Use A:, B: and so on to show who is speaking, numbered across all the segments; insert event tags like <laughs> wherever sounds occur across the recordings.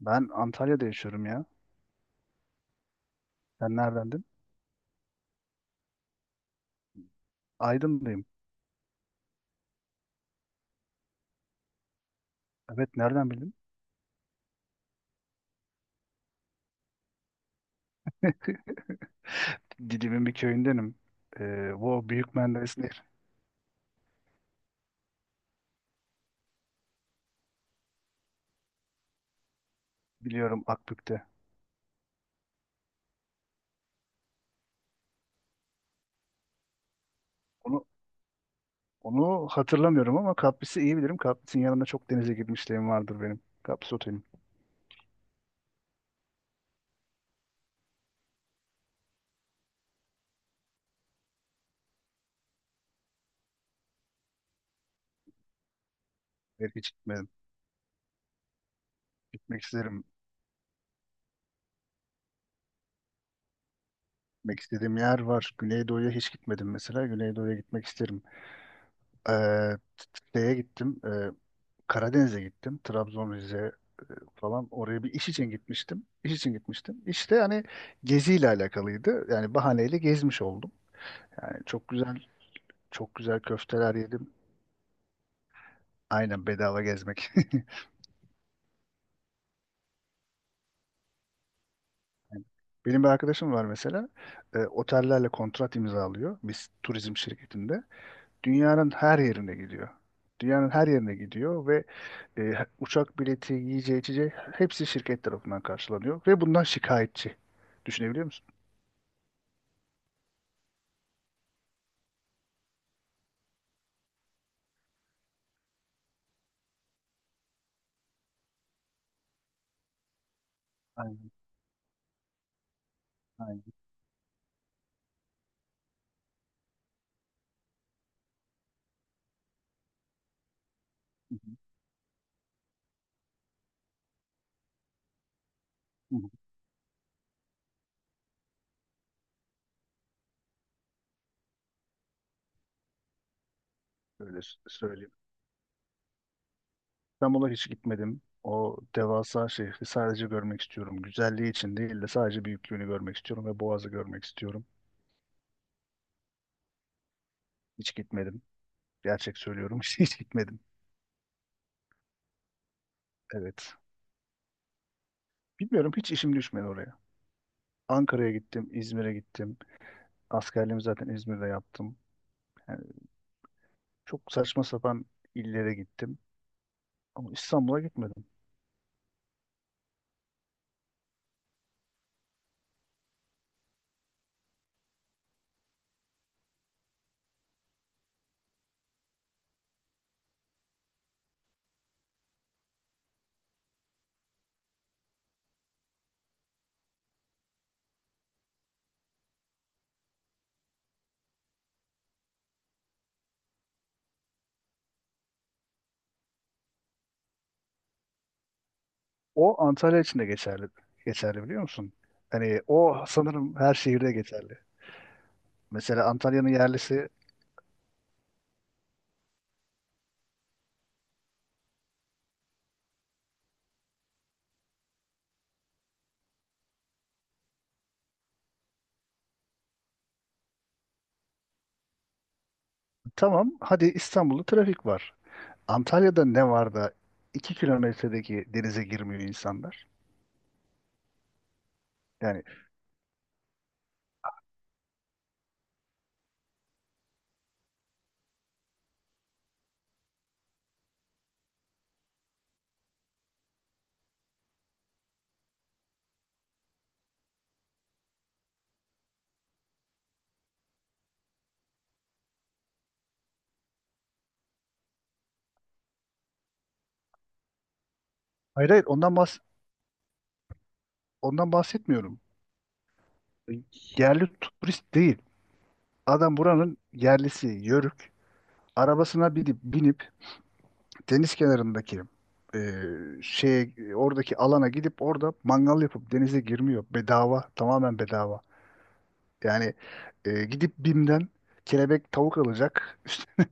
A: Ben Antalya'da yaşıyorum ya. Sen neredendin? Aydınlıyım. Evet, nereden bildin? <laughs> Didim'in bir köyündenim. Bu Büyük Menderes Nehri. Biliyorum, Akbük'te. Onu, Onu hatırlamıyorum ama Kapris'i iyi bilirim. Kapris'in yanında çok denize girmişliğim vardır benim. Kapris otelim. Evet, hiç gitmedim. Gitmek isterim. Gitmek istediğim yer var. Güneydoğu'ya hiç gitmedim mesela. Güneydoğu'ya gitmek isterim. Ee, t- Şeye gittim. Karadeniz'e gittim. Trabzon, Rize, falan oraya bir iş için gitmiştim. İş için gitmiştim. İşte hani geziyle alakalıydı. Yani bahaneyle gezmiş oldum. Yani çok güzel, çok güzel köfteler yedim. Aynen, bedava gezmek. <laughs> Yani benim bir arkadaşım var mesela. Otellerle kontrat imzalıyor. Biz turizm şirketinde. Dünyanın her yerine gidiyor. Dünyanın her yerine gidiyor ve e, uçak bileti, yiyeceği, içeceği hepsi şirket tarafından karşılanıyor ve bundan şikayetçi. Düşünebiliyor musun? Aynen, aynen. Hı hı, hı hı. Öyle söyleyeyim. İstanbul'a hiç gitmedim. O devasa şehri sadece görmek istiyorum. Güzelliği için değil de sadece büyüklüğünü görmek istiyorum ve Boğaz'ı görmek istiyorum. Hiç gitmedim. Gerçek söylüyorum. <laughs> Hiç hiç gitmedim. Evet. Bilmiyorum, hiç işim düşmedi oraya. Ankara'ya gittim, İzmir'e gittim. Askerliğimi zaten İzmir'de yaptım. Yani çok saçma sapan illere gittim. Ama İstanbul'a gitmedim. O Antalya için de geçerli. Geçerli, biliyor musun? Hani o sanırım her şehirde geçerli. Mesela Antalya'nın yerlisi. Tamam, hadi İstanbul'da trafik var. Antalya'da ne var da 2 kilometredeki denize girmiyor insanlar? Yani hayır, hayır, ondan bahsetmiyorum. Yerli turist değil. Adam buranın yerlisi, yörük. Arabasına binip deniz kenarındaki e, şey, oradaki alana gidip orada mangal yapıp denize girmiyor. Bedava, tamamen bedava. Yani gidip BİM'den kelebek tavuk alacak, <laughs> üstüne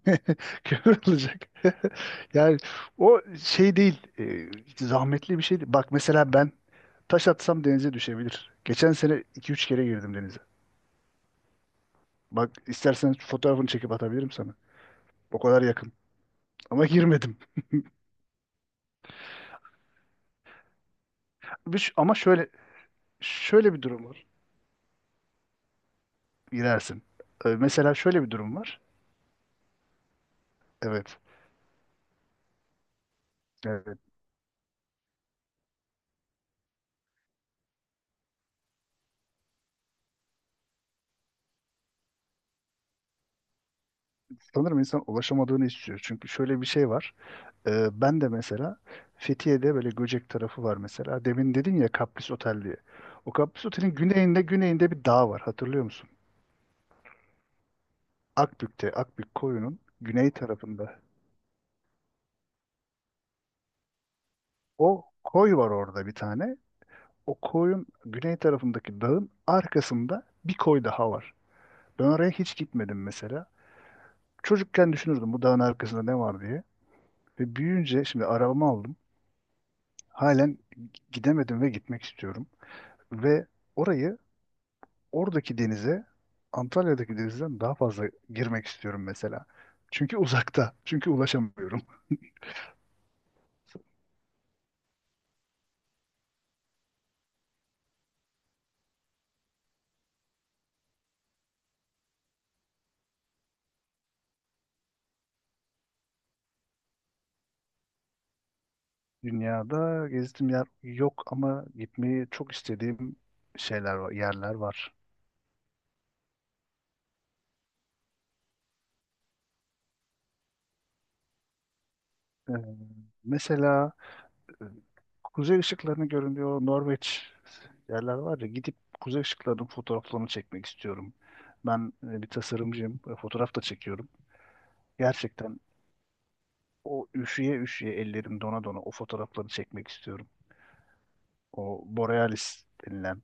A: kömür alacak. <laughs> Yani o şey değil, zahmetli bir şey değil. Bak, mesela ben taş atsam denize düşebilir. Geçen sene iki üç kere girdim denize. Bak, istersen fotoğrafını çekip atabilirim sana. O kadar yakın. Ama <laughs> girmedim. Ama şöyle bir durum var. Girersin. Mesela şöyle bir durum var. Evet. Evet. Sanırım insan ulaşamadığını istiyor. Çünkü şöyle bir şey var. Ben de mesela Fethiye'de böyle Göcek tarafı var mesela. Demin dedin ya Kapris Otel diye. O Kapris Otel'in güneyinde bir dağ var, hatırlıyor musun? Akbük'te, Akbük koyunun güney tarafında. O koy var orada bir tane. O koyun güney tarafındaki dağın arkasında bir koy daha var. Ben oraya hiç gitmedim mesela. Çocukken düşünürdüm bu dağın arkasında ne var diye. Ve büyüyünce şimdi arabamı aldım. Halen gidemedim ve gitmek istiyorum. Ve orayı, oradaki denize, Antalya'daki denizden daha fazla girmek istiyorum mesela. Çünkü uzakta. Çünkü ulaşamıyorum. Dünyada gezdiğim yer yok ama gitmeyi çok istediğim şeyler var, yerler var. Ee, Mesela e, kuzey ışıklarını görünüyor Norveç, yerler var ya, gidip kuzey ışıklarının fotoğraflarını çekmek istiyorum. Ben bir tasarımcıyım, fotoğraf da çekiyorum. Gerçekten o üşüye üşüye, ellerim dona dona o fotoğrafları çekmek istiyorum. O Borealis denilen.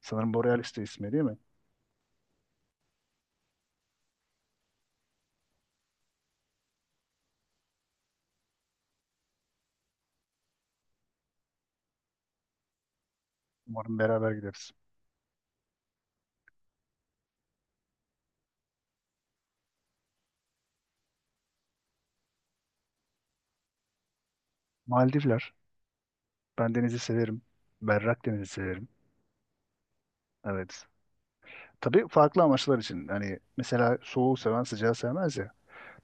A: Sanırım Borealis de ismi değil mi? Umarım beraber gideriz. Maldivler. Ben denizi severim. Berrak denizi severim. Evet. Tabii farklı amaçlar için. Hani mesela soğuğu seven sıcağı sevmez ya.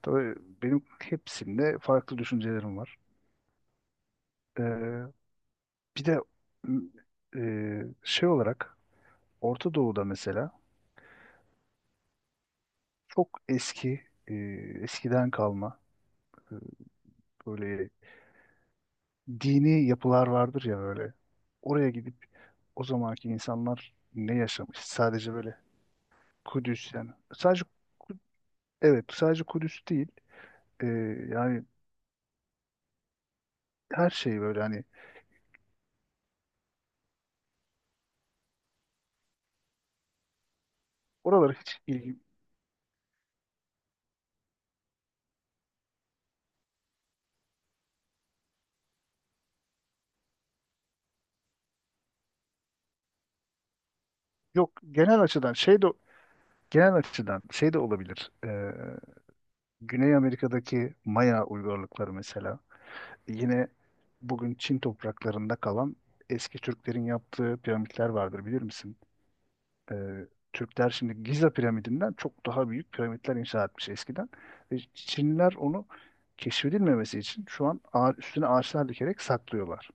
A: Tabii benim hepsinde farklı düşüncelerim var. Ee, Bir de m, şey olarak Orta Doğu'da mesela çok eski, eskiden kalma, e, böyle dini yapılar vardır ya böyle. Oraya gidip o zamanki insanlar ne yaşamış? Sadece böyle Kudüs yani. Sadece Ku- evet, sadece Kudüs değil. Ee, Yani her şey böyle, hani oralara hiç ilgi yok. Genel açıdan şey de, olabilir. Güney Amerika'daki Maya uygarlıkları mesela. Yine bugün Çin topraklarında kalan eski Türklerin yaptığı piramitler vardır, bilir misin? e, Türkler şimdi Giza piramidinden çok daha büyük piramitler inşa etmiş eskiden. Ve Çinliler onu keşfedilmemesi için şu an üstüne ağaçlar dikerek saklıyorlar.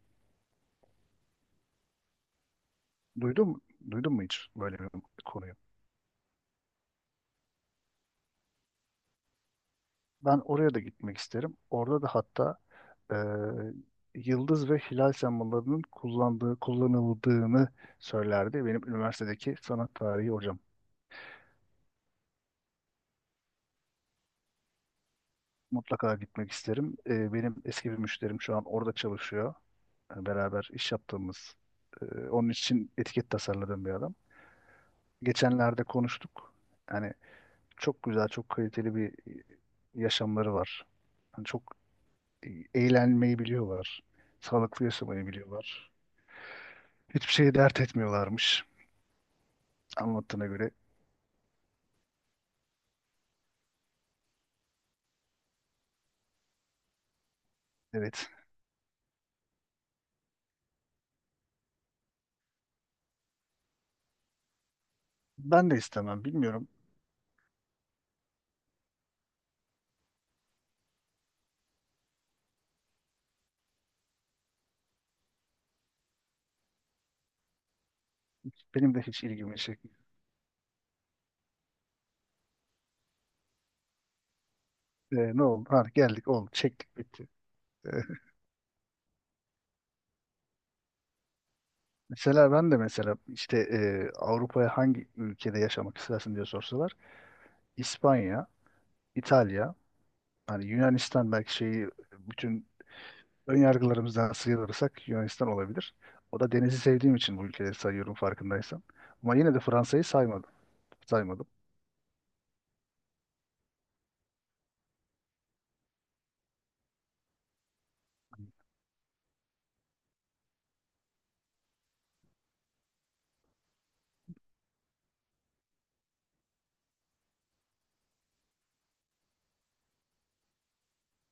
A: Duydun mu? Duydun mu hiç böyle bir konuyu? Ben oraya da gitmek isterim. Orada da hatta e, yıldız ve hilal sembollerinin kullanıldığını söylerdi benim üniversitedeki sanat tarihi hocam. Mutlaka gitmek isterim. Benim eski bir müşterim şu an orada çalışıyor. Yani beraber iş yaptığımız, onun için etiket tasarladığım bir adam. Geçenlerde konuştuk. Yani çok güzel, çok kaliteli bir yaşamları var. Yani çok eğlenmeyi biliyorlar. Sağlıklı yaşamayı biliyorlar. Hiçbir şeyi dert etmiyorlarmış anlattığına göre. Evet. Ben de istemem. Bilmiyorum. Benim de hiç ilgimi çekmiyor. Ne oldu? Ha, geldik, oldu. Çektik, bitti. Ee, Mesela ben de mesela işte Avrupa'ya hangi ülkede yaşamak istersin diye sorsalar İspanya, İtalya, hani Yunanistan, belki şeyi, bütün ön yargılarımızdan sıyrılırsak Yunanistan olabilir. O da denizi sevdiğim için bu ülkeleri sayıyorum, farkındaysan. Ama yine de Fransa'yı saymadım. Saymadım.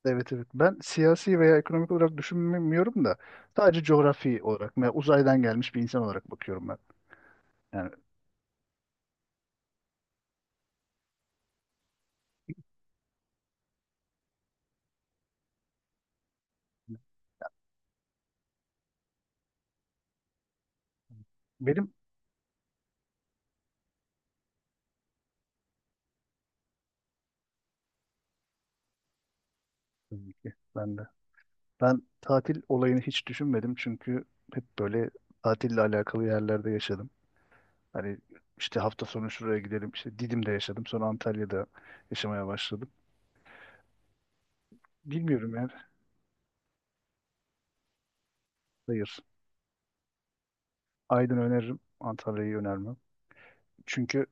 A: Evet, evet. Ben siyasi veya ekonomik olarak düşünmüyorum da sadece coğrafi olarak veya uzaydan gelmiş bir insan olarak bakıyorum ben. Yani benim, tabii ki ben de. Ben tatil olayını hiç düşünmedim çünkü hep böyle tatille alakalı yerlerde yaşadım. Hani işte hafta sonu şuraya gidelim, işte Didim'de yaşadım, sonra Antalya'da yaşamaya başladım. Bilmiyorum yani. Hayır. Aydın öneririm, Antalya'yı önermem. Çünkü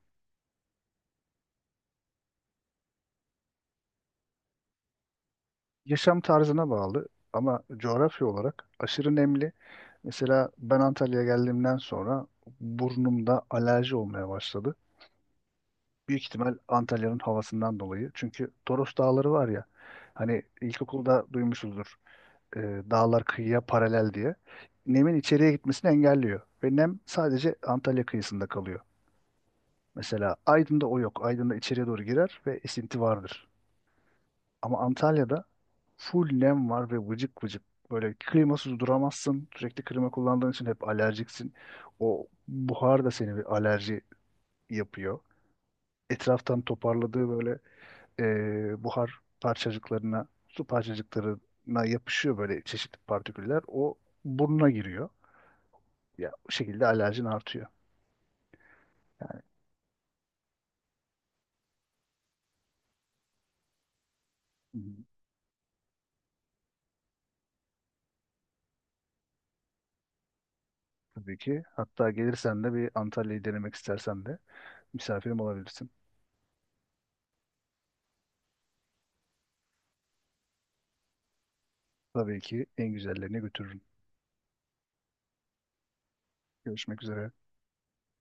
A: yaşam tarzına bağlı ama coğrafya olarak aşırı nemli. Mesela ben Antalya'ya geldiğimden sonra burnumda alerji olmaya başladı. Büyük ihtimal Antalya'nın havasından dolayı. Çünkü Toros Dağları var ya. Hani ilkokulda duymuşuzdur. e, Dağlar kıyıya paralel diye. Nemin içeriye gitmesini engelliyor. Ve nem sadece Antalya kıyısında kalıyor. Mesela Aydın'da o yok. Aydın'da içeriye doğru girer ve esinti vardır. Ama Antalya'da full nem var ve vıcık vıcık. Böyle klimasız duramazsın. Sürekli klima kullandığın için hep alerjiksin. O buhar da seni bir alerji yapıyor. Etraftan toparladığı böyle buhar parçacıklarına, su parçacıklarına yapışıyor böyle çeşitli partiküller. O burnuna giriyor. Ya bu şekilde alerjin artıyor. Hı hı. Tabii ki. Hatta gelirsen de, bir Antalya'yı denemek istersen de misafirim olabilirsin. Tabii ki en güzellerine götürürüm. Görüşmek üzere.